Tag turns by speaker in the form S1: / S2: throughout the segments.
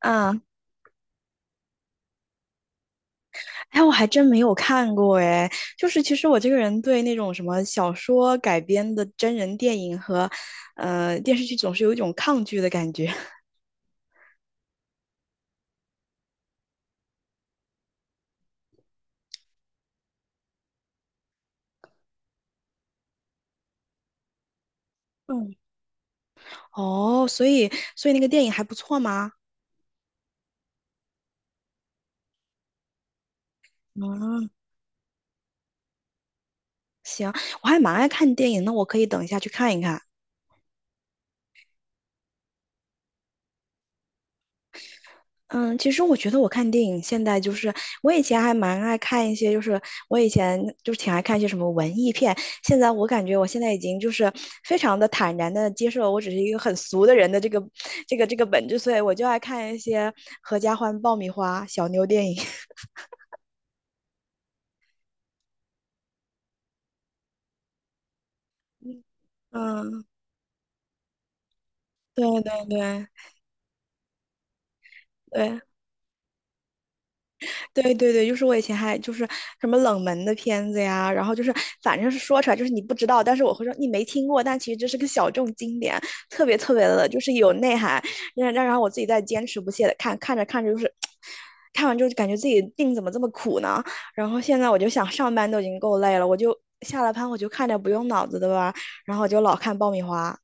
S1: 嗯，哎，我还真没有看过哎。就是其实我这个人对那种什么小说改编的真人电影和电视剧总是有一种抗拒的感觉。嗯，哦，所以那个电影还不错吗？嗯，行，我还蛮爱看电影，那我可以等一下去看一看。嗯，其实我觉得我看电影现在就是我以前还蛮爱看一些，就是我以前就是挺爱看一些什么文艺片。现在我感觉我现在已经就是非常的坦然的接受，我只是一个很俗的人的这个本质，所以我就爱看一些合家欢、爆米花、小妞电影。嗯，对对对对。对对对，就是我以前还就是什么冷门的片子呀，然后就是反正是说出来就是你不知道，但是我会说你没听过，但其实这是个小众经典，特别特别的，就是有内涵，然后我自己在坚持不懈的看，看着看着就是。看完之后就感觉自己命怎么这么苦呢？然后现在我就想上班都已经够累了，我就下了班我就看点不用脑子的吧，然后我就老看爆米花。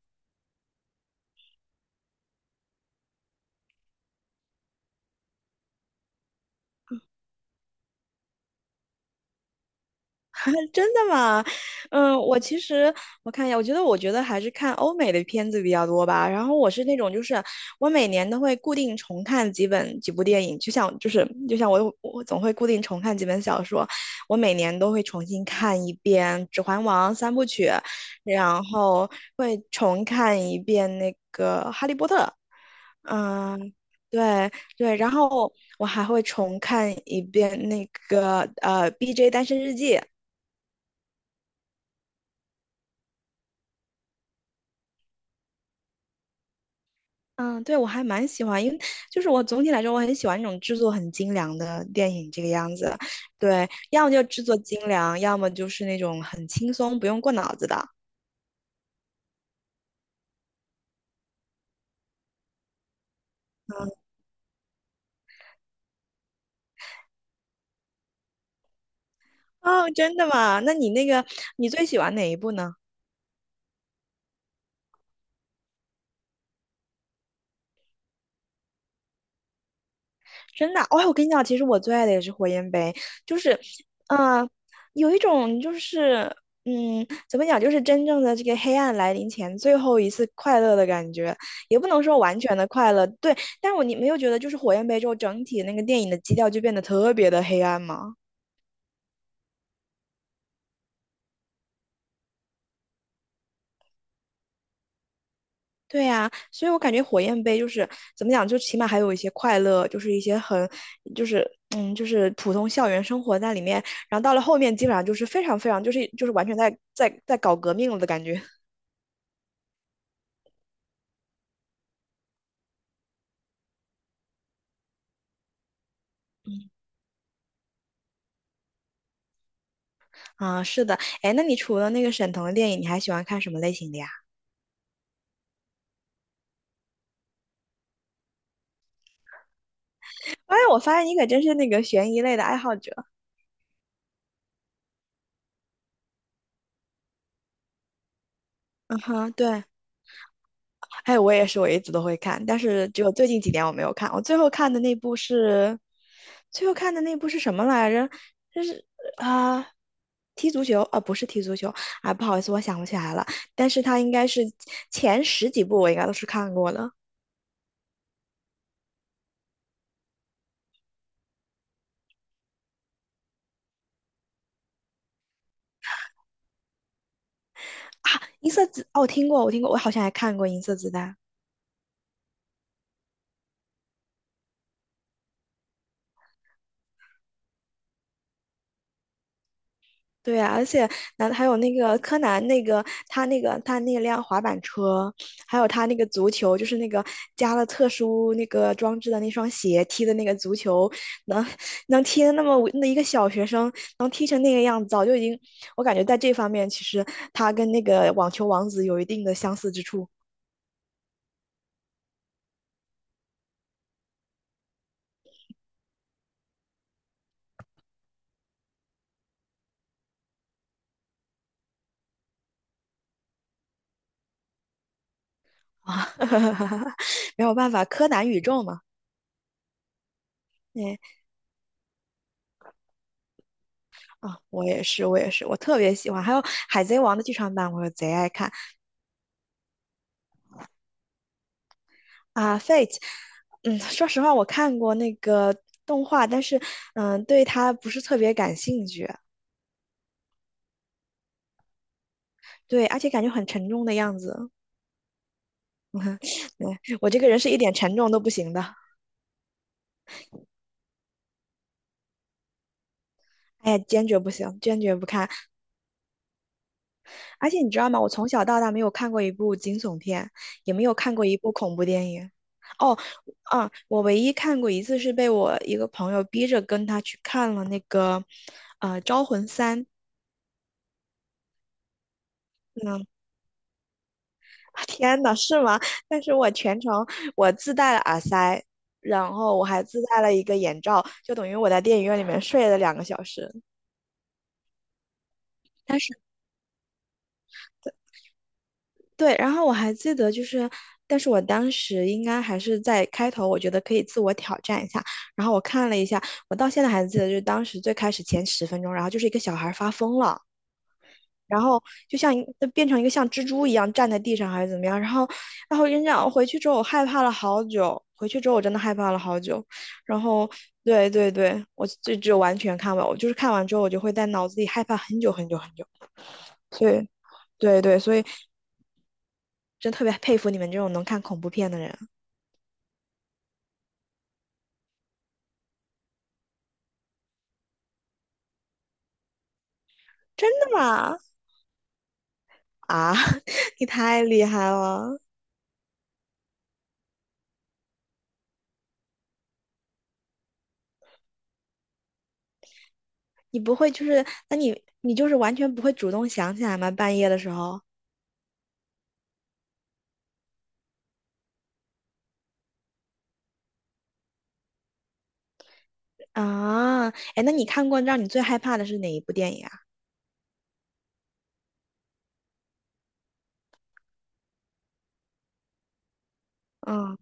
S1: 真的吗？嗯，我其实我看一下，我觉得还是看欧美的片子比较多吧。然后我是那种就是我每年都会固定重看几部电影，就像我总会固定重看几本小说，我每年都会重新看一遍《指环王》三部曲，然后会重看一遍那个《哈利波特》。嗯，对对，然后我还会重看一遍那个《BJ 单身日记》。嗯，对，我还蛮喜欢，因为就是我总体来说，我很喜欢那种制作很精良的电影这个样子。对，要么就制作精良，要么就是那种很轻松，不用过脑子的。嗯哦，真的吗？那你那个，你最喜欢哪一部呢？真的，哦，我跟你讲，其实我最爱的也是火焰杯，就是，嗯，有一种就是，怎么讲，就是真正的这个黑暗来临前最后一次快乐的感觉，也不能说完全的快乐，对，但你没有觉得就是火焰杯之后整体那个电影的基调就变得特别的黑暗吗？对呀，所以我感觉火焰杯就是怎么讲，就起码还有一些快乐，就是一些很，就是就是普通校园生活在里面。然后到了后面，基本上就是非常非常，就是完全在搞革命了的感觉 啊，是的，哎，那你除了那个沈腾的电影，你还喜欢看什么类型的呀？哎，我发现你可真是那个悬疑类的爱好者。嗯哼，对。还有我也是，我一直都会看，但是只有最近几年我没有看。我最后看的那部是，最后看的那部是什么来着？就是啊、踢足球啊、不是踢足球啊，不好意思，我想不起来了。但是它应该是前十几部我应该都是看过的。银色子哦，我听过，我听过，我好像还看过《银色子弹》。对啊，而且那还有那个柯南，他那辆滑板车，还有他那个足球，就是那个加了特殊那个装置的那双鞋踢的那个足球，能能踢的那么那一个小学生能踢成那个样子，早就已经，我感觉在这方面其实他跟那个网球王子有一定的相似之处。啊，没有办法，柯南宇宙嘛，哎啊，我也是，我特别喜欢，还有海贼王的剧场版，我贼爱看。啊，Fate，嗯，说实话，我看过那个动画，但是，对它不是特别感兴趣，对，而且感觉很沉重的样子。对，我这个人是一点沉重都不行的，哎呀，坚决不行，坚决不看。而且你知道吗？我从小到大没有看过一部惊悚片，也没有看过一部恐怖电影。哦，嗯，我唯一看过一次是被我一个朋友逼着跟他去看了那个，《招魂三》。嗯 天呐，是吗？但是我全程我自带了耳塞，然后我还自带了一个眼罩，就等于我在电影院里面睡了2个小时。但是 对，然后我还记得就是，但是我当时应该还是在开头，我觉得可以自我挑战一下。然后我看了一下，我到现在还记得，就是当时最开始前10分钟，然后就是一个小孩发疯了，然后就像变成一个像蜘蛛一样站在地上还是怎么样，然后，跟你回去之后我害怕了好久，回去之后我真的害怕了好久，然后对对对，我就完全看完，我就是看完之后我就会在脑子里害怕很久很久很久，所以对对，所以真特别佩服你们这种能看恐怖片的人，真的吗？啊，你太厉害了，你不会就是，那你就是完全不会主动想起来吗？半夜的时候。啊，哎，那你看过让你最害怕的是哪一部电影啊？嗯，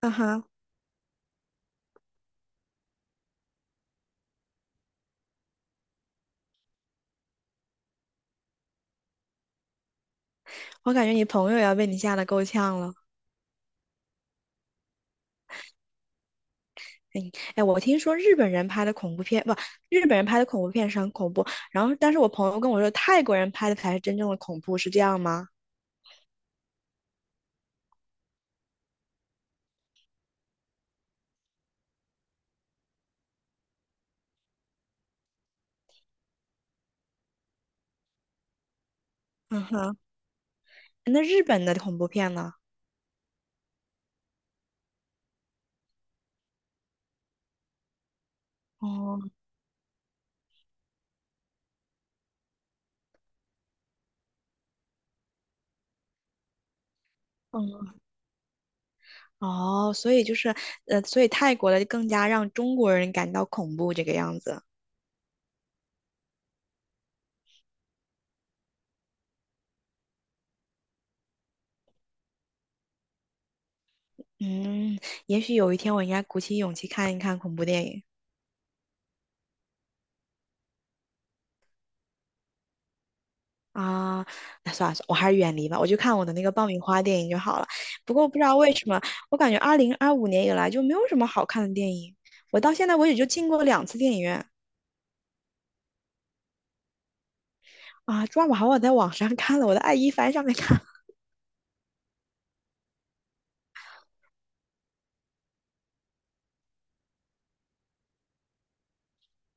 S1: 啊哈，我感觉你朋友也要被你吓得够呛了。哎，哎，我听说日本人拍的恐怖片，不，日本人拍的恐怖片是很恐怖。然后，但是我朋友跟我说，泰国人拍的才是真正的恐怖，是这样吗？嗯哼，那日本的恐怖片呢？哦，嗯，哦，所以就是，所以泰国的更加让中国人感到恐怖这个样子。嗯，也许有一天我应该鼓起勇气看一看恐怖电影。啊，那算了算了，我还是远离吧，我就看我的那个爆米花电影就好了。不过我不知道为什么，我感觉2025年以来就没有什么好看的电影，我到现在为止就进过2次电影院啊，抓马还我在网上看了，我在爱一帆上面看了。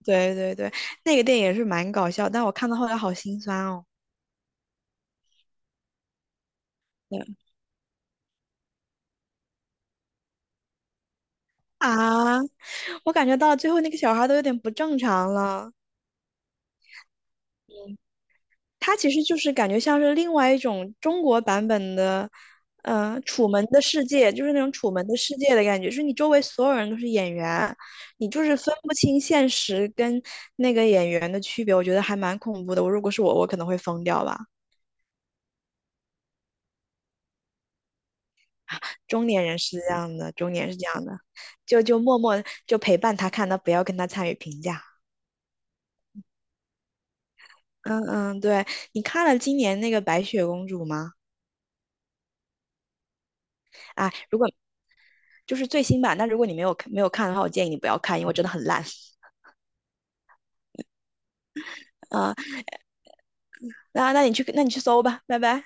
S1: 对对对，那个电影是蛮搞笑，但我看到后来好心酸哦。对啊，我感觉到最后那个小孩都有点不正常了。它其实就是感觉像是另外一种中国版本的，楚门的世界，就是那种楚门的世界的感觉，就是你周围所有人都是演员，你就是分不清现实跟那个演员的区别，我觉得还蛮恐怖的。我如果是我，我可能会疯掉吧。中年人是这样的，中年是这样的，就默默就陪伴他看，他不要跟他参与评价。嗯嗯，对，你看了今年那个《白雪公主》吗？啊如果。就是最新版。但如果你没有看的话，我建议你不要看，因为真的很烂。啊、呃那你去搜吧，拜拜。